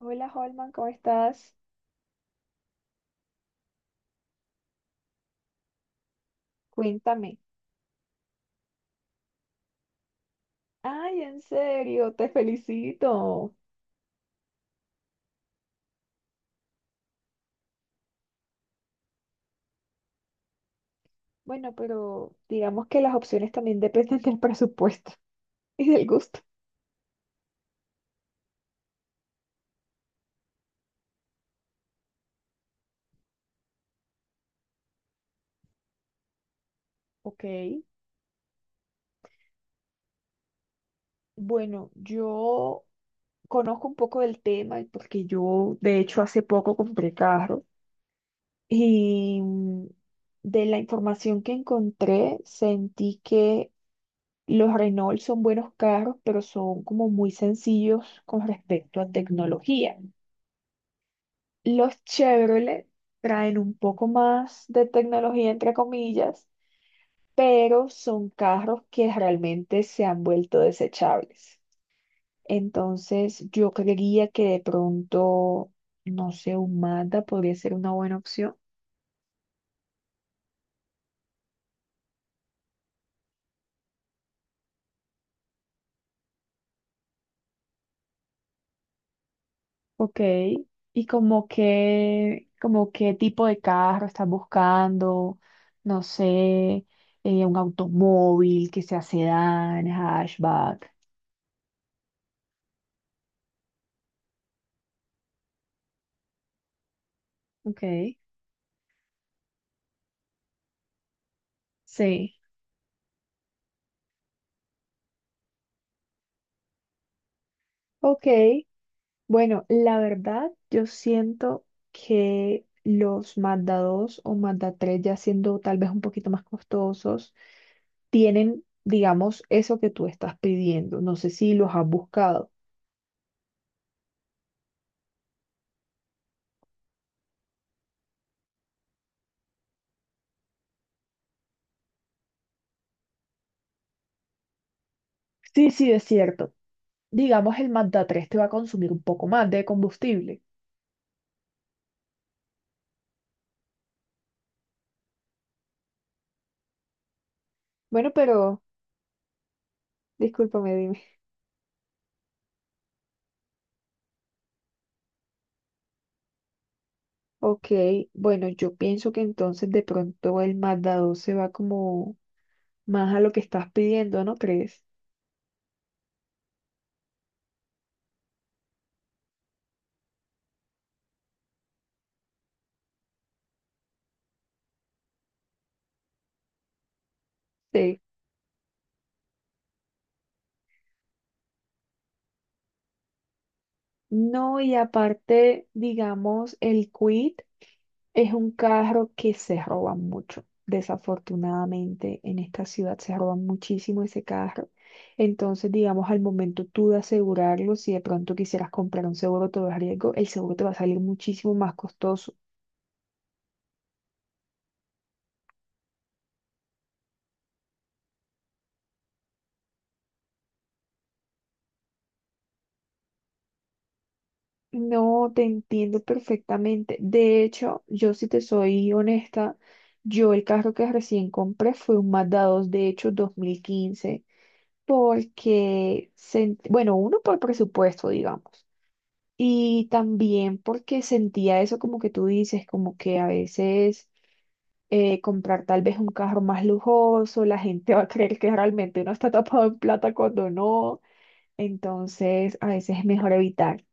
Hola Holman, ¿cómo estás? Cuéntame. Ay, en serio, te felicito. Bueno, pero digamos que las opciones también dependen del presupuesto y del gusto. Ok, bueno, yo conozco un poco del tema porque yo, de hecho, hace poco compré carro y de la información que encontré, sentí que los Renault son buenos carros, pero son como muy sencillos con respecto a tecnología. Los Chevrolet traen un poco más de tecnología, entre comillas, pero son carros que realmente se han vuelto desechables. Entonces, yo creería que de pronto, no sé, un Mazda podría ser una buena opción. Ok. ¿Y como qué tipo de carro estás buscando? No sé, un automóvil que sea sedán, hatchback. Ok. Sí. Ok. Bueno, la verdad, yo siento que los Mazda 2 o Mazda 3, ya siendo tal vez un poquito más costosos, tienen, digamos, eso que tú estás pidiendo. No sé si los has buscado. Sí, sí, es cierto. Digamos, el Mazda 3 te va a consumir un poco más de combustible. Bueno, pero discúlpame, dime. Ok, bueno, yo pienso que entonces de pronto el Mazda 2 se va como más a lo que estás pidiendo, ¿no crees? Sí. No, y aparte, digamos, el Quid es un carro que se roba mucho. Desafortunadamente, en esta ciudad se roba muchísimo ese carro. Entonces, digamos, al momento tú de asegurarlo, si de pronto quisieras comprar un seguro todo riesgo, el seguro te va a salir muchísimo más costoso. No, te entiendo perfectamente. De hecho, yo si te soy honesta, yo el carro que recién compré fue un Mazda 2, de hecho, 2015 porque, bueno, uno por presupuesto, digamos, y también porque sentía eso como que tú dices, como que a veces comprar tal vez un carro más lujoso, la gente va a creer que realmente uno está tapado en plata cuando no, entonces a veces es mejor evitar.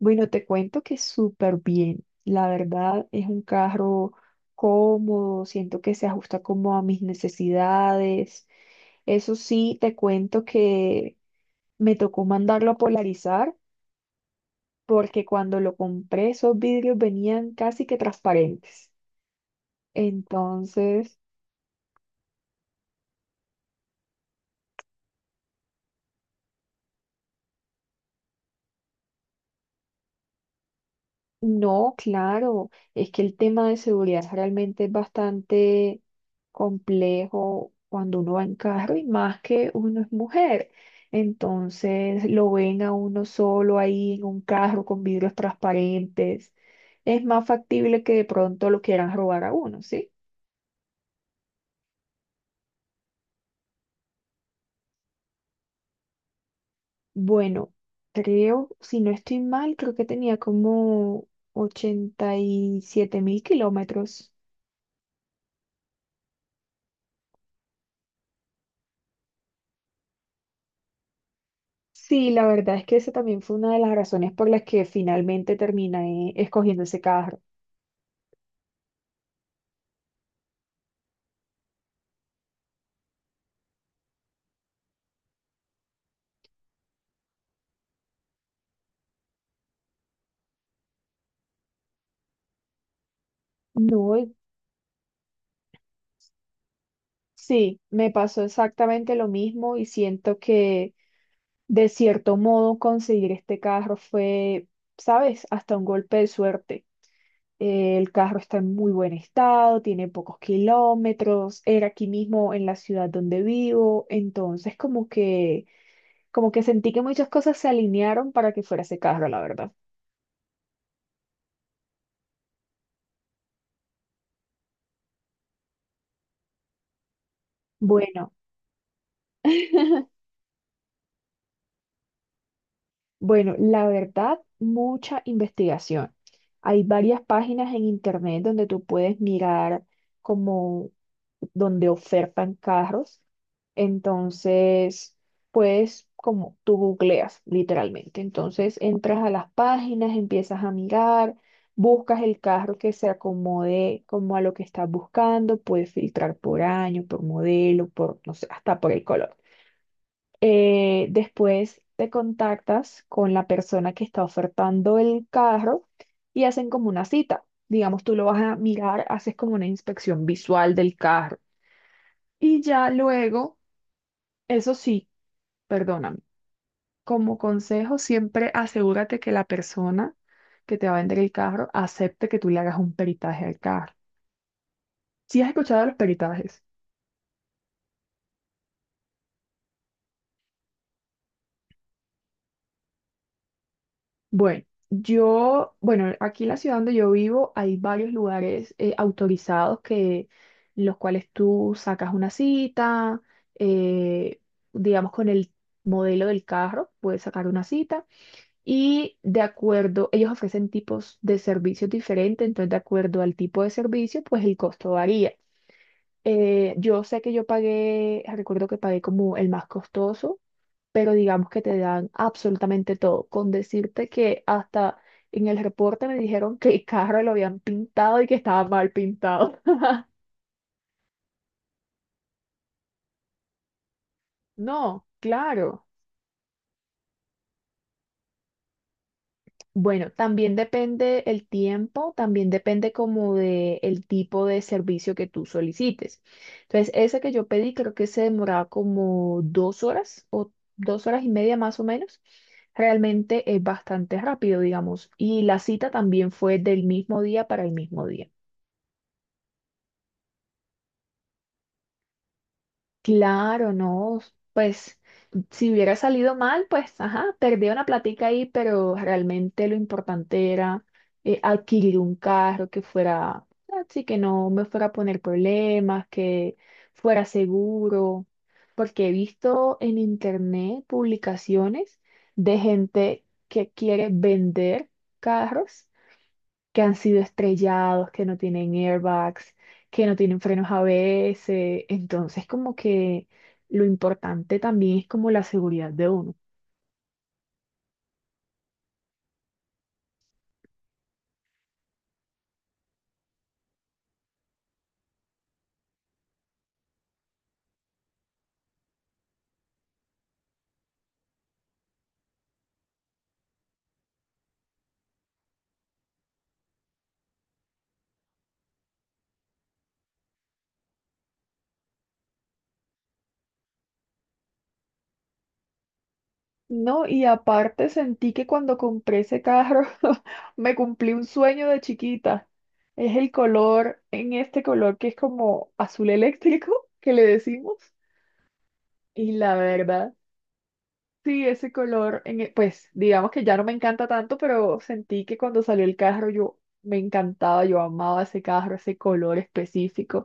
Bueno, te cuento que súper bien, la verdad es un carro cómodo, siento que se ajusta como a mis necesidades. Eso sí, te cuento que me tocó mandarlo a polarizar porque cuando lo compré esos vidrios venían casi que transparentes. Entonces, no, claro, es que el tema de seguridad realmente es bastante complejo cuando uno va en carro y más que uno es mujer. Entonces, lo ven a uno solo ahí en un carro con vidrios transparentes. Es más factible que de pronto lo quieran robar a uno, ¿sí? Bueno, creo, si no estoy mal, creo que tenía como 87.000 kilómetros. Sí, la verdad es que esa también fue una de las razones por las que finalmente terminé escogiendo ese carro. No, sí, me pasó exactamente lo mismo y siento que de cierto modo conseguir este carro fue, ¿sabes?, hasta un golpe de suerte. El carro está en muy buen estado, tiene pocos kilómetros, era aquí mismo en la ciudad donde vivo, entonces como que sentí que muchas cosas se alinearon para que fuera ese carro, la verdad. Bueno, bueno, la verdad, mucha investigación. Hay varias páginas en internet donde tú puedes mirar como donde ofertan carros. Entonces, pues como tú googleas literalmente. Entonces entras a las páginas, empiezas a mirar, buscas el carro que se acomode como a lo que estás buscando, puedes filtrar por año, por modelo, por, no sé, hasta por el color. Después te contactas con la persona que está ofertando el carro y hacen como una cita. Digamos, tú lo vas a mirar, haces como una inspección visual del carro y ya luego, eso sí, perdóname, como consejo, siempre asegúrate que la persona que te va a vender el carro acepte que tú le hagas un peritaje al carro. ¿Sí has escuchado de los peritajes? Bueno, yo, bueno, aquí en la ciudad donde yo vivo hay varios lugares autorizados que, en los cuales tú sacas una cita, eh, digamos con el modelo del carro, puedes sacar una cita. Y de acuerdo, ellos ofrecen tipos de servicios diferentes, entonces de acuerdo al tipo de servicio, pues el costo varía. Yo sé que yo pagué, recuerdo que pagué como el más costoso, pero digamos que te dan absolutamente todo, con decirte que hasta en el reporte me dijeron que el carro lo habían pintado y que estaba mal pintado. No, claro. Bueno, también depende el tiempo, también depende como de el tipo de servicio que tú solicites. Entonces, ese que yo pedí creo que se demoraba como 2 horas o 2 horas y media más o menos. Realmente es bastante rápido, digamos. Y la cita también fue del mismo día para el mismo día. Claro, no, pues si hubiera salido mal, pues ajá, perdí una platica ahí, pero realmente lo importante era adquirir un carro que fuera, así que no me fuera a poner problemas, que fuera seguro, porque he visto en internet publicaciones de gente que quiere vender carros que han sido estrellados, que no tienen airbags, que no tienen frenos ABS. Entonces, como que lo importante también es como la seguridad de uno. No, y aparte sentí que cuando compré ese carro me cumplí un sueño de chiquita. Es el color, en este color que es como azul eléctrico, que le decimos. Y la verdad, sí, ese color, pues digamos que ya no me encanta tanto, pero sentí que cuando salió el carro yo me encantaba, yo amaba ese carro, ese color específico.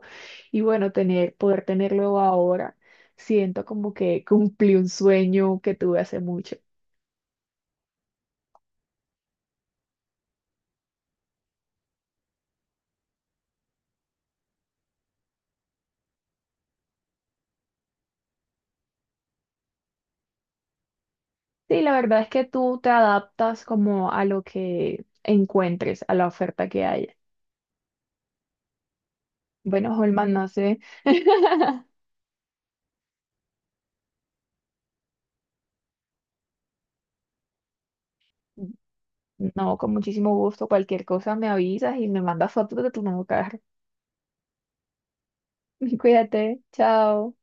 Y bueno, tener, poder tenerlo ahora, siento como que cumplí un sueño que tuve hace mucho. Sí, la verdad es que tú te adaptas como a lo que encuentres, a la oferta que haya. Bueno, Holman, no sé, no, con muchísimo gusto, cualquier cosa me avisas y me mandas fotos de tu nuevo carro. Cuídate, chao.